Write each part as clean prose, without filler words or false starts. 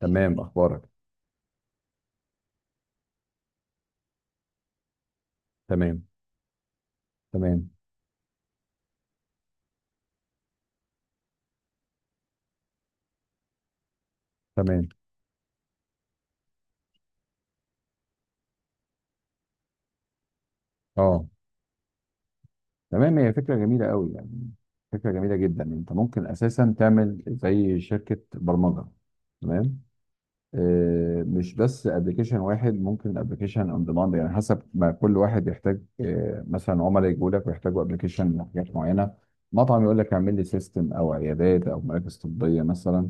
تمام، اخبارك؟ تمام. تمام. تمام. اه. تمام، هي فكره جميله قوي يعني. فكره جميله جدا، انت ممكن اساسا تعمل زي شركه برمجه. تمام. مش بس ابلكيشن واحد، ممكن ابلكيشن اون ديماند، يعني حسب ما كل واحد يحتاج. مثلا عملاء يجوا لك ويحتاجوا ابلكيشن لحاجات معينه. مطعم يقول لك اعمل لي سيستم، او عيادات او مراكز طبيه مثلا.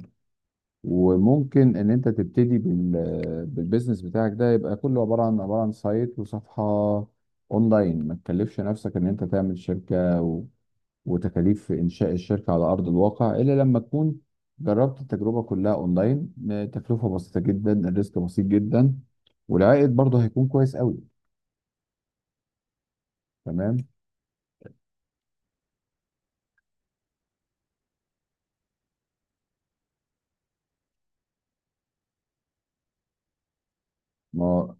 وممكن ان انت تبتدي بالبيزنس بتاعك ده، يبقى كله عباره عن سايت وصفحه اونلاين. ما تكلفش نفسك ان انت تعمل شركه وتكاليف انشاء الشركه على ارض الواقع الا لما تكون جربت التجربه كلها اونلاين. تكلفه بسيطه جدا، الريسك بسيط جدا، والعائد برضه هيكون كويس قوي. تمام. ما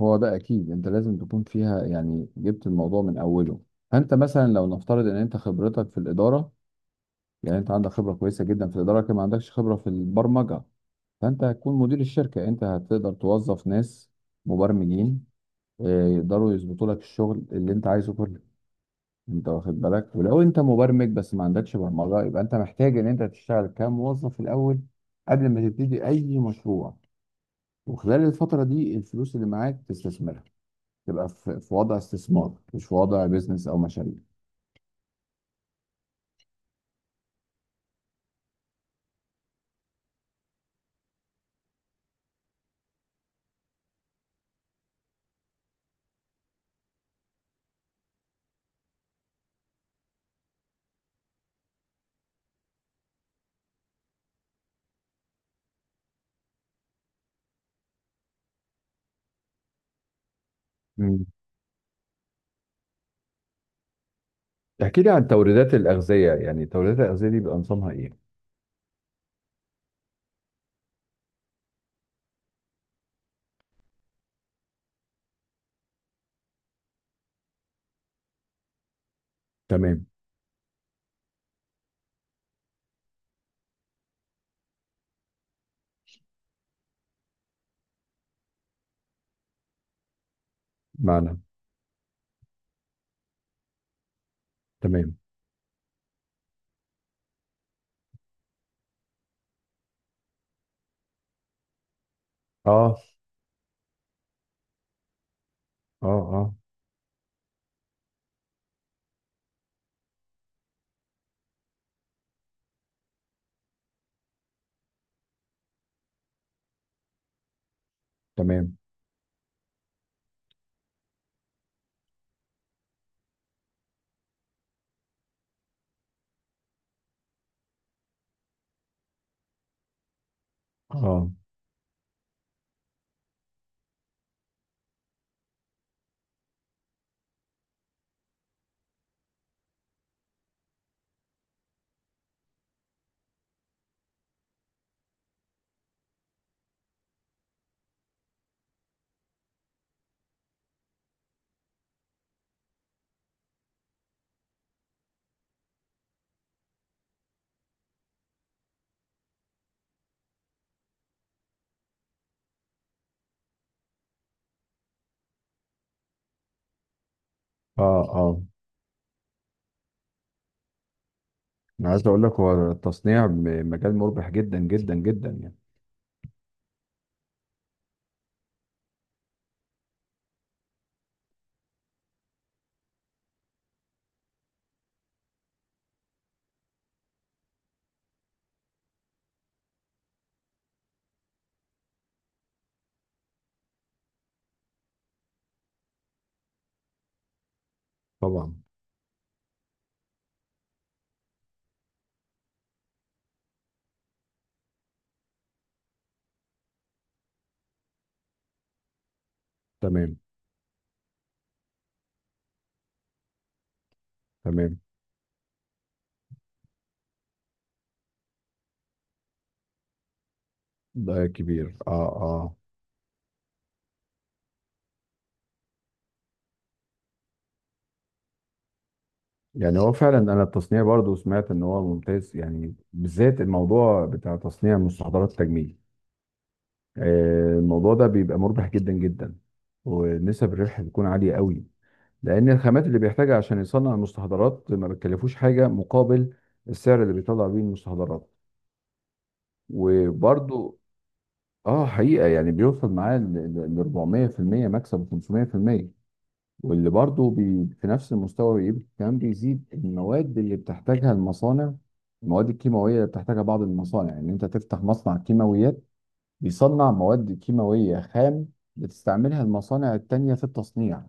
هو ده اكيد انت لازم تكون فيها، يعني جبت الموضوع من اوله. فانت مثلا لو نفترض ان انت خبرتك في الاداره، يعني انت عندك خبره كويسه جدا في الاداره لكن ما عندكش خبره في البرمجه، فانت هتكون مدير الشركه. انت هتقدر توظف ناس مبرمجين يقدروا يظبطوا لك الشغل اللي انت عايزه كله. انت واخد بالك؟ ولو انت مبرمج بس ما عندكش برمجه، يبقى انت محتاج ان انت تشتغل كموظف الاول قبل ما تبتدي اي مشروع. وخلال الفتره دي الفلوس اللي معاك تستثمرها، تبقى في وضع استثمار مش في وضع بيزنس او مشاريع. مم. احكي لي عن توريدات الأغذية، يعني توريدات الأغذية دي بيبقى نظامها إيه؟ تمام. معنى. تمام. اه. اه. اه. تمام. اه. اه. اه. انا عايز اقول لك، هو التصنيع مجال مربح جدا جدا جدا يعني. طبعا. تمام. تمام. ده كبير، اه. اه. يعني هو فعلا، انا التصنيع برضو سمعت ان هو ممتاز يعني، بالذات الموضوع بتاع تصنيع مستحضرات التجميل. الموضوع ده بيبقى مربح جدا جدا، ونسب الربح بتكون عالية قوي، لان الخامات اللي بيحتاجها عشان يصنع المستحضرات ما بتكلفوش حاجه مقابل السعر اللي بيطلع بيه المستحضرات. وبرضو، اه حقيقه، يعني بيوصل معاه ل 400% مكسب، و500%. واللي برضو في نفس المستوى، بيبقى كمان بيزيد المواد اللي بتحتاجها المصانع. المواد الكيماويه اللي بتحتاجها بعض المصانع، ان يعني انت تفتح مصنع كيماويات بيصنع مواد كيماوية خام بتستعملها المصانع التانية في التصنيع.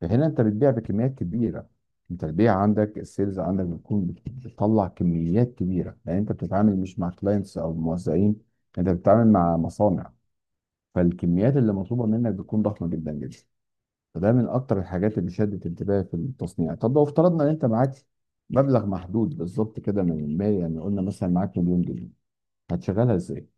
فهنا انت بتبيع بكميات كبيرة. انت البيع عندك، السيلز عندك، بتكون بتطلع كميات كبيرة، لان انت بتتعامل مش مع كلاينتس او موزعين، انت بتتعامل مع مصانع. فالكميات اللي مطلوبة منك بتكون ضخمة جدا جدا. فده من اكتر الحاجات اللي شدت انتباهي في التصنيع. طب لو افترضنا ان انت معاك مبلغ محدود بالظبط كده من المال، يعني قلنا مثلا معاك 1,000,000 جنيه، هتشغلها ازاي؟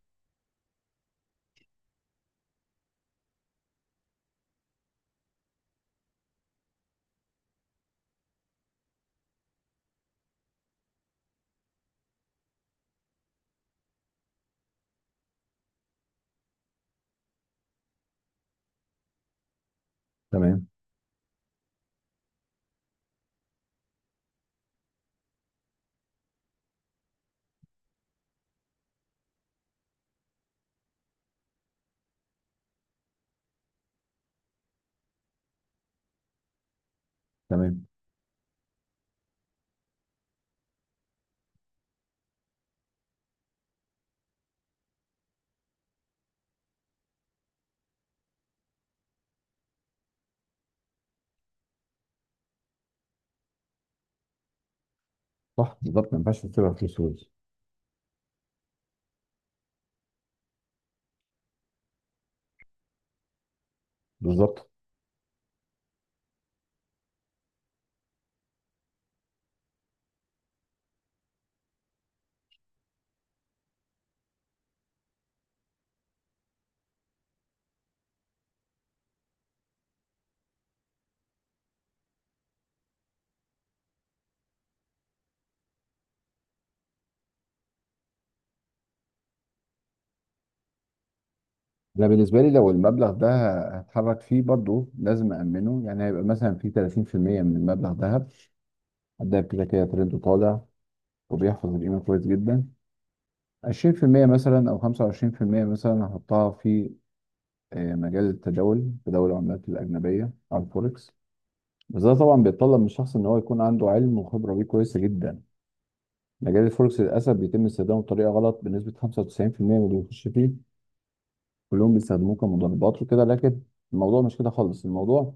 تمام. تمام. صح بالظبط، ما ينفعش تسيبها فلوس روز. بالظبط. انا بالنسبه لي لو المبلغ ده هتحرك فيه، برضو لازم امنه، يعني هيبقى مثلا في 30% من المبلغ ذهب. ده كده كده ترند طالع، وبيحفظ القيمه كويس جدا. 20% مثلا او 25% مثلا هحطها في مجال التداول، تداول العملات الاجنبيه على الفوركس. بس ده طبعا بيتطلب من الشخص ان هو يكون عنده علم وخبره بيه كويسه جدا. مجال الفوركس للاسف بيتم استخدامه بطريقه غلط بنسبه 95% من اللي بيخش فيه، كلهم بيستخدموه كمضاربات وكده. لكن الموضوع مش كده خالص. الموضوع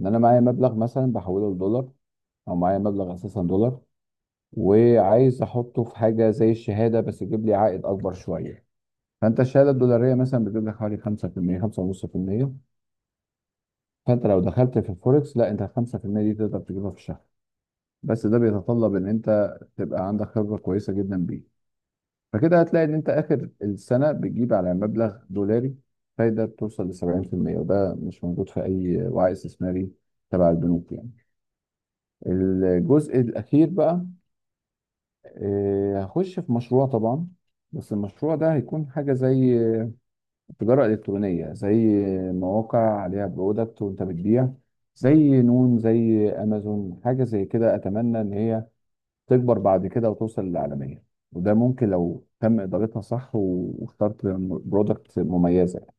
ان انا معايا مبلغ مثلا بحوله لدولار، او معايا مبلغ اساسا دولار، وعايز احطه في حاجه زي الشهاده بس يجيب لي عائد اكبر شويه. فانت الشهاده الدولاريه مثلا بتجيب لك حوالي 5%، 5.5%. فانت لو دخلت في الفوركس، لا، انت ال 5% دي تقدر تجيبها في الشهر. بس ده بيتطلب ان انت تبقى عندك خبره كويسه جدا بيه. فكده هتلاقي ان انت اخر السنه بتجيب على مبلغ دولاري فايده بتوصل ل 70%، وده مش موجود في اي وعي استثماري تبع البنوك يعني. الجزء الاخير بقى، هخش في مشروع طبعا. بس المشروع ده هيكون حاجه زي تجاره الكترونيه، زي مواقع عليها برودكت وانت بتبيع، زي نون زي امازون، حاجه زي كده. اتمنى ان هي تكبر بعد كده وتوصل للعالمية. وده ممكن لو تم إدارتها صح، واخترت برودكت مميزة يعني.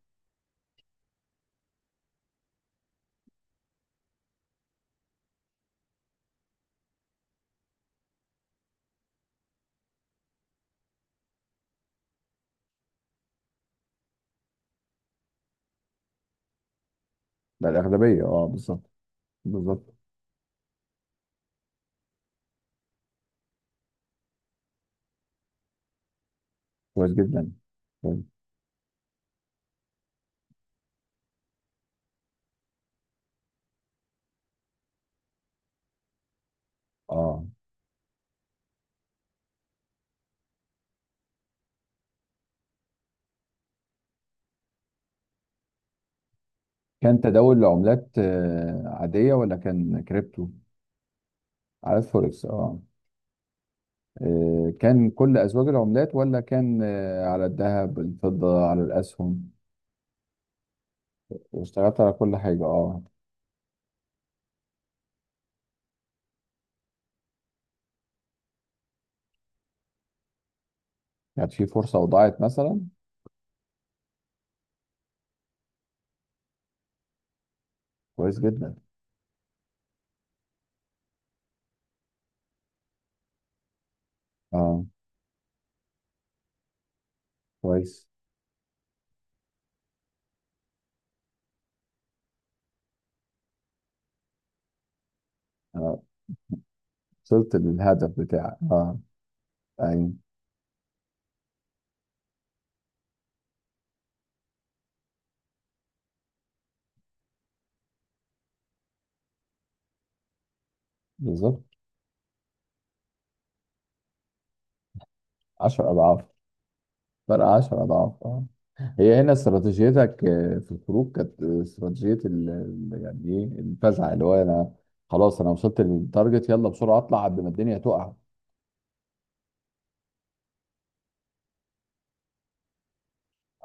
ده الأغلبية، اه بالظبط. بالظبط. كويس جدا. كويس. اه. كان تداول لعملات عادية ولا كان كريبتو؟ على الفوركس، اه. كان كل أزواج العملات، ولا كان على الذهب، الفضة، على الأسهم؟ واشتغلت على كل حاجة، اه. كانت في فرصة وضاعت مثلا؟ كويس جدا. اه. كويس. أنا وصلت للهدف بتاعك، اه. أيوة. بالظبط. 10 أضعاف. فرق 10 أضعاف، اه. هي هنا استراتيجيتك في الخروج كانت استراتيجية يعني إيه، الفزع، اللي هو أنا خلاص أنا وصلت للتارجت، يلا بسرعة أطلع قبل ما الدنيا تقع.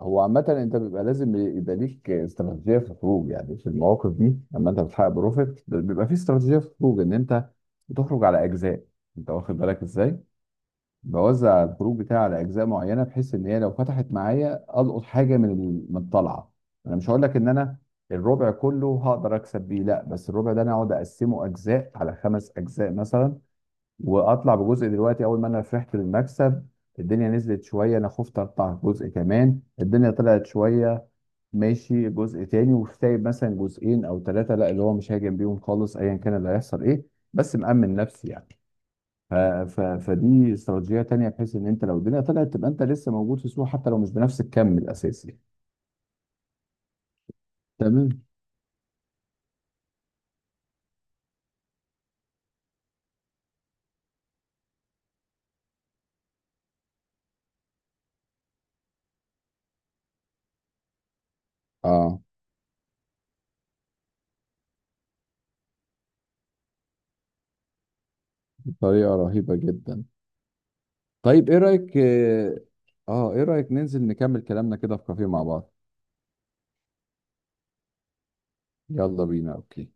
هو عامة، أنت بيبقى لازم يبقى ليك استراتيجية في الخروج، يعني في المواقف دي لما أنت بتحقق بروفيت بيبقى في استراتيجية في الخروج إن أنت بتخرج على أجزاء. أنت واخد بالك إزاي؟ بوزع الخروج بتاعي على اجزاء معينه، بحيث ان هي لو فتحت معايا القط حاجه من الطلعه. انا مش هقول لك ان انا الربع كله هقدر اكسب بيه، لا، بس الربع ده انا اقعد اقسمه اجزاء، على خمس اجزاء مثلا، واطلع بجزء دلوقتي اول ما انا فرحت بالمكسب. الدنيا نزلت شويه، انا خفت اقطع جزء كمان. الدنيا طلعت شويه، ماشي جزء تاني. وسايب مثلا جزئين او ثلاثه لا، اللي هو مش هاجم بيهم خالص ايا كان اللي هيحصل ايه، بس مأمن نفسي يعني. ف- فدي استراتيجيه تانيه، بحيث ان انت لو الدنيا طلعت تبقى انت لسه موجود في السوق، حتى لو مش بنفس الكم الاساسي. تمام. اه. بطريقة رهيبة جدا. طيب، ايه رايك؟ اه، ايه رايك ننزل نكمل كلامنا كده في كافيه مع بعض؟ يلا بينا. اوكي.